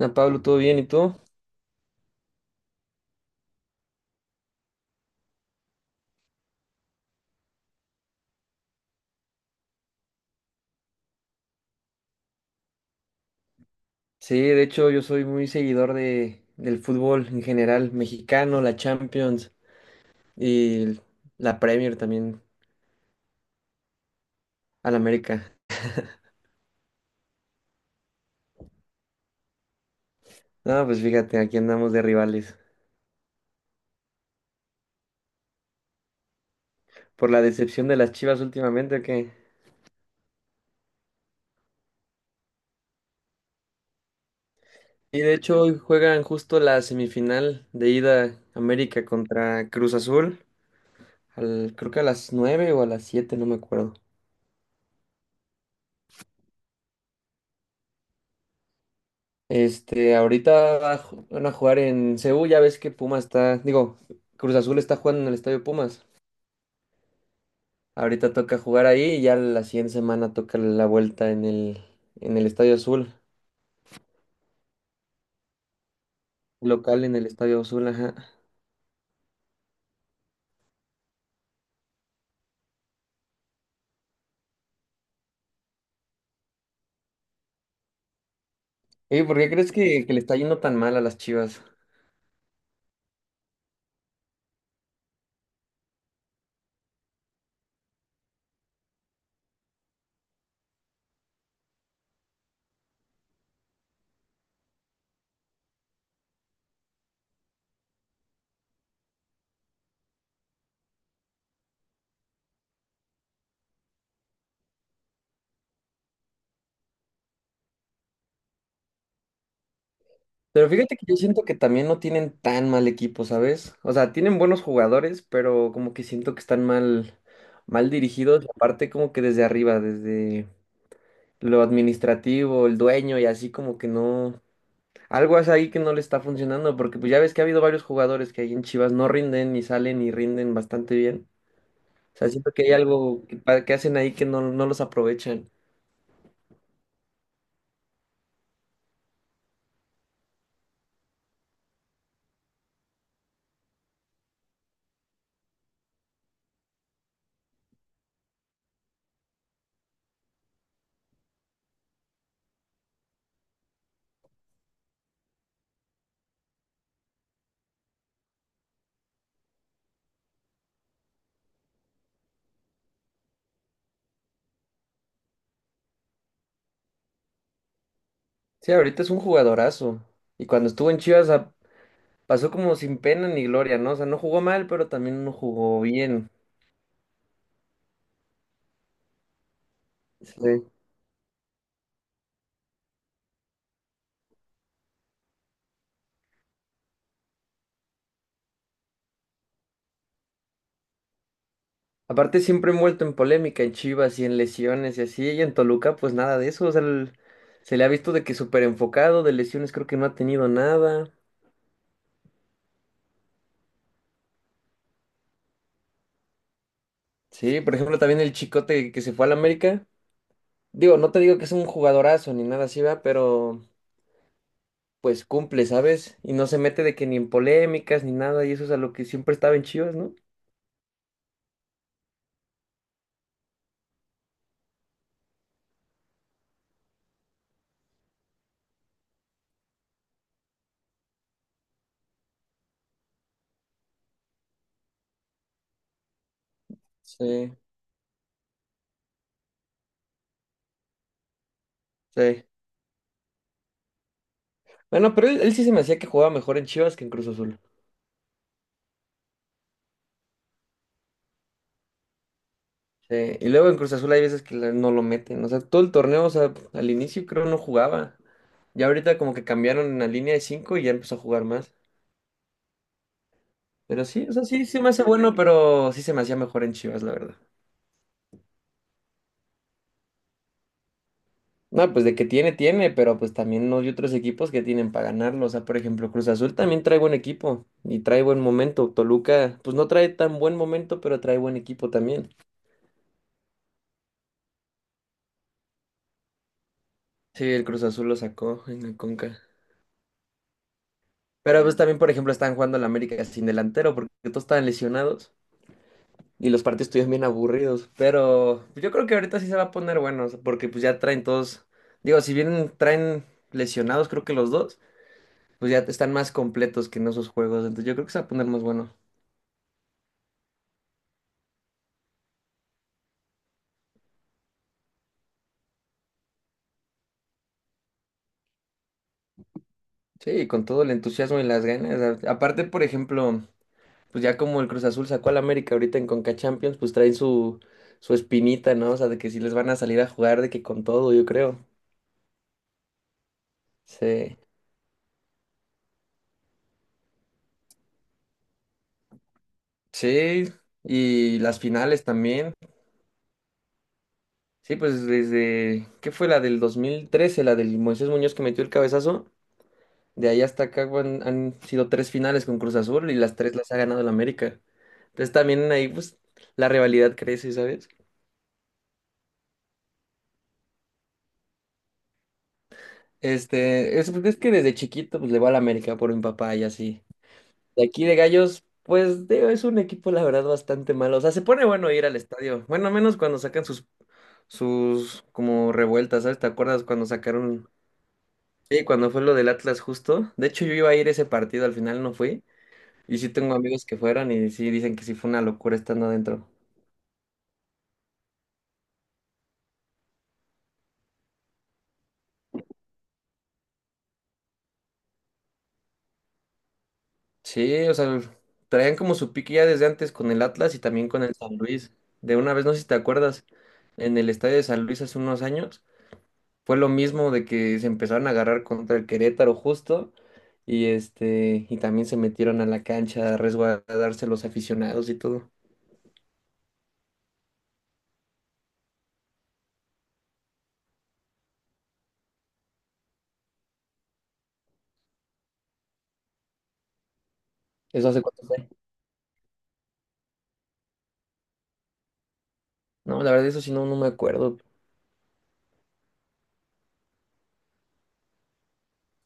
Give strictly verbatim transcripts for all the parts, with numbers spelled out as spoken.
Ah, Pablo, ¿todo bien? ¿Y tú? Sí, de hecho yo soy muy seguidor de, del fútbol en general, mexicano, la Champions y el- la Premier también, al América. No, pues fíjate, aquí andamos de rivales. Por la decepción de las Chivas últimamente, que... Y de hecho hoy juegan justo la semifinal de ida América contra Cruz Azul, al, creo que a las nueve o a las siete, no me acuerdo. Este, ahorita va a ju- van a jugar en Seúl, ya ves que Pumas está, digo, Cruz Azul está jugando en el Estadio Pumas. Ahorita toca jugar ahí y ya la siguiente semana toca la vuelta en el, en el Estadio Azul, local en el Estadio Azul, ajá. ¿Y por qué crees que, que le está yendo tan mal a las Chivas? Pero fíjate que yo siento que también no tienen tan mal equipo, ¿sabes? O sea, tienen buenos jugadores, pero como que siento que están mal, mal dirigidos, y aparte como que desde arriba, desde lo administrativo, el dueño y así como que no, algo es ahí que no le está funcionando, porque pues ya ves que ha habido varios jugadores que ahí en Chivas no rinden ni salen y rinden bastante bien. O sea, siento que hay algo que, pa- que hacen ahí que no, no los aprovechan. Sí, ahorita es un jugadorazo. Y cuando estuvo en Chivas a- pasó como sin pena ni gloria, ¿no? O sea, no jugó mal, pero también no jugó bien. Sí. Aparte siempre envuelto en polémica en Chivas y en lesiones y así, y en Toluca pues nada de eso, o sea, el- se le ha visto de que súper enfocado, de lesiones creo que no ha tenido nada. Sí, por ejemplo también el Chicote que se fue al América, digo, no te digo que es un jugadorazo ni nada así, va, pero pues cumple, ¿sabes? Y no se mete de que ni en polémicas ni nada, y eso es a lo que siempre estaba en Chivas, ¿no? Sí, sí. Bueno, pero él, él sí se me hacía que jugaba mejor en Chivas que en Cruz Azul. Sí, y luego en Cruz Azul hay veces que la- no lo meten. O sea, todo el torneo, o sea, al inicio creo no jugaba. Ya ahorita como que cambiaron la línea de cinco y ya empezó a jugar más. Pero sí, o sea, sí se me hace bueno, pero sí se me hacía mejor en Chivas, la verdad. No, pues de que tiene, tiene, pero pues también no hay otros equipos que tienen para ganarlo. O sea, por ejemplo, Cruz Azul también trae buen equipo y trae buen momento. Toluca, pues no trae tan buen momento, pero trae buen equipo también. Sí, el Cruz Azul lo sacó en el Conca. Pero pues también, por ejemplo, están jugando el América sin delantero porque todos estaban lesionados. Y los partidos estuvieron bien aburridos, pero yo creo que ahorita sí se va a poner bueno, o sea, porque pues ya traen todos, digo, si bien traen lesionados, creo que los dos, pues ya están más completos que en esos juegos, entonces yo creo que se va a poner más bueno. Sí, con todo el entusiasmo y las ganas. a- Aparte, por ejemplo, pues ya como el Cruz Azul sacó al América ahorita en Conca Champions, pues traen su, su espinita, ¿no? O sea, de que si les van a salir a jugar, de que con todo, yo creo. Sí. Sí, y las finales también. Sí, pues desde, ¿qué fue la del dos mil trece, la del Moisés Muñoz que metió el cabezazo? De ahí hasta acá han, han sido tres finales con Cruz Azul y las tres las ha ganado el América. Entonces también ahí pues la rivalidad crece, ¿sabes? Este, es, pues, es que desde chiquito pues le voy al América por mi papá y así. De aquí de Gallos, pues digo, es un equipo la verdad bastante malo. O sea, se pone bueno ir al estadio. Bueno, menos cuando sacan sus, sus como revueltas, ¿sabes? ¿Te acuerdas cuando sacaron? Sí, cuando fue lo del Atlas justo. De hecho, yo iba a ir a ese partido, al final no fui. Y sí tengo amigos que fueron y sí dicen que sí fue una locura estando adentro. Sí, o sea, traían como su pique ya desde antes con el Atlas y también con el San Luis. De una vez, no sé si te acuerdas, en el estadio de San Luis hace unos años, fue lo mismo de que se empezaron a agarrar contra el Querétaro justo y este, y también se metieron a la cancha a resguardarse los aficionados y todo. ¿Eso hace cuánto fue? No, la verdad, eso sí no, no me acuerdo.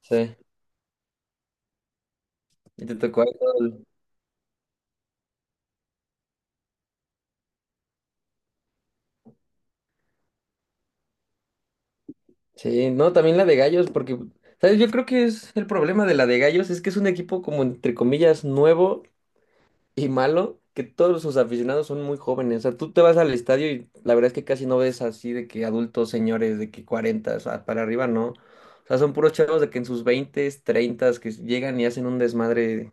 Sí. Y te tocó ahí todo el- Sí, no, también la de Gallos, porque, ¿sabes? Yo creo que es el problema de la de Gallos, es que es un equipo como entre comillas nuevo y malo, que todos sus aficionados son muy jóvenes. O sea, tú te vas al estadio y la verdad es que casi no ves así de que adultos, señores, de que cuarenta, o sea, para arriba no. O sea, son puros chavos de que en sus veinte, treinta, que llegan y hacen un desmadre.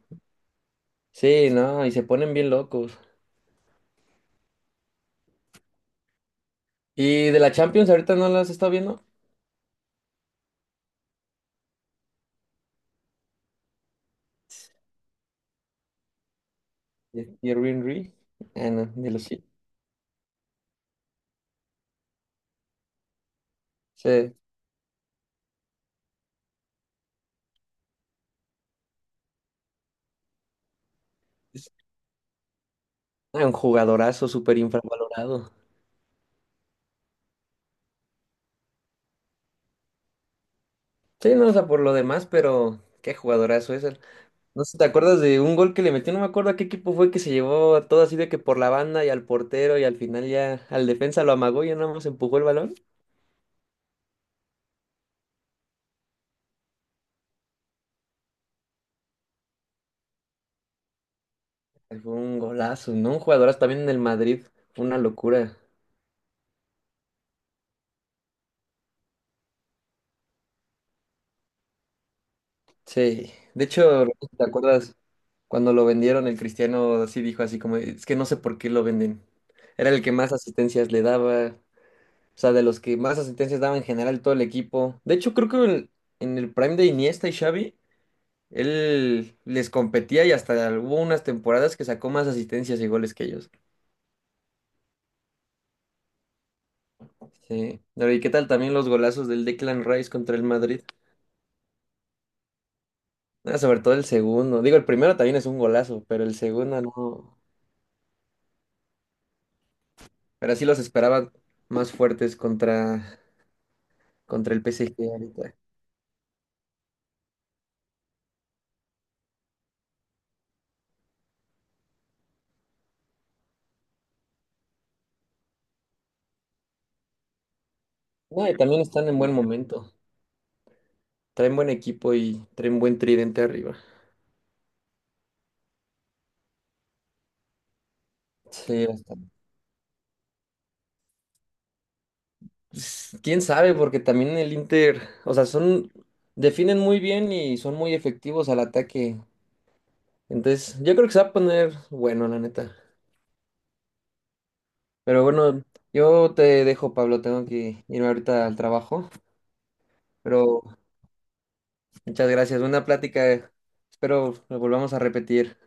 Sí, no, y se ponen bien locos. ¿Y de la Champions ahorita no las has estado viendo? ¿Y Henry? Ah, no, de los sí. Sí. Ah, un jugadorazo súper infravalorado. Sí, no, o sea, por lo demás, pero qué jugadorazo es él. No sé, ¿te acuerdas de un gol que le metió? No me acuerdo a qué equipo fue, que se llevó a todo así de que por la banda y al portero y al final ya al defensa lo amagó y ya nada más empujó el balón. Ay, fue un golazo, ¿no? Un jugadorazo también en el Madrid. Fue una locura. Sí. De hecho, ¿te acuerdas cuando lo vendieron? El Cristiano así dijo así como, es que no sé por qué lo venden. Era el que más asistencias le daba. O sea, de los que más asistencias daba en general todo el equipo. De hecho, creo que en, en el prime de Iniesta y Xavi, él les competía y hasta hubo unas temporadas que sacó más asistencias y goles que ellos. Sí. Pero ¿y qué tal también los golazos del Declan Rice contra el Madrid? Ah, sobre todo el segundo. Digo, el primero también es un golazo, pero el segundo no. Pero sí los esperaban más fuertes contra, contra el P S G ahorita. No, y también están en buen momento. Traen buen equipo y traen buen tridente arriba. Sí, S- quién sabe, porque también el Inter, o sea, son, definen muy bien y son muy efectivos al ataque. Entonces, yo creo que se va a poner bueno, la neta. Pero bueno, yo te dejo, Pablo, tengo que irme ahorita al trabajo. Pero muchas gracias, buena plática, eh. Espero lo volvamos a repetir.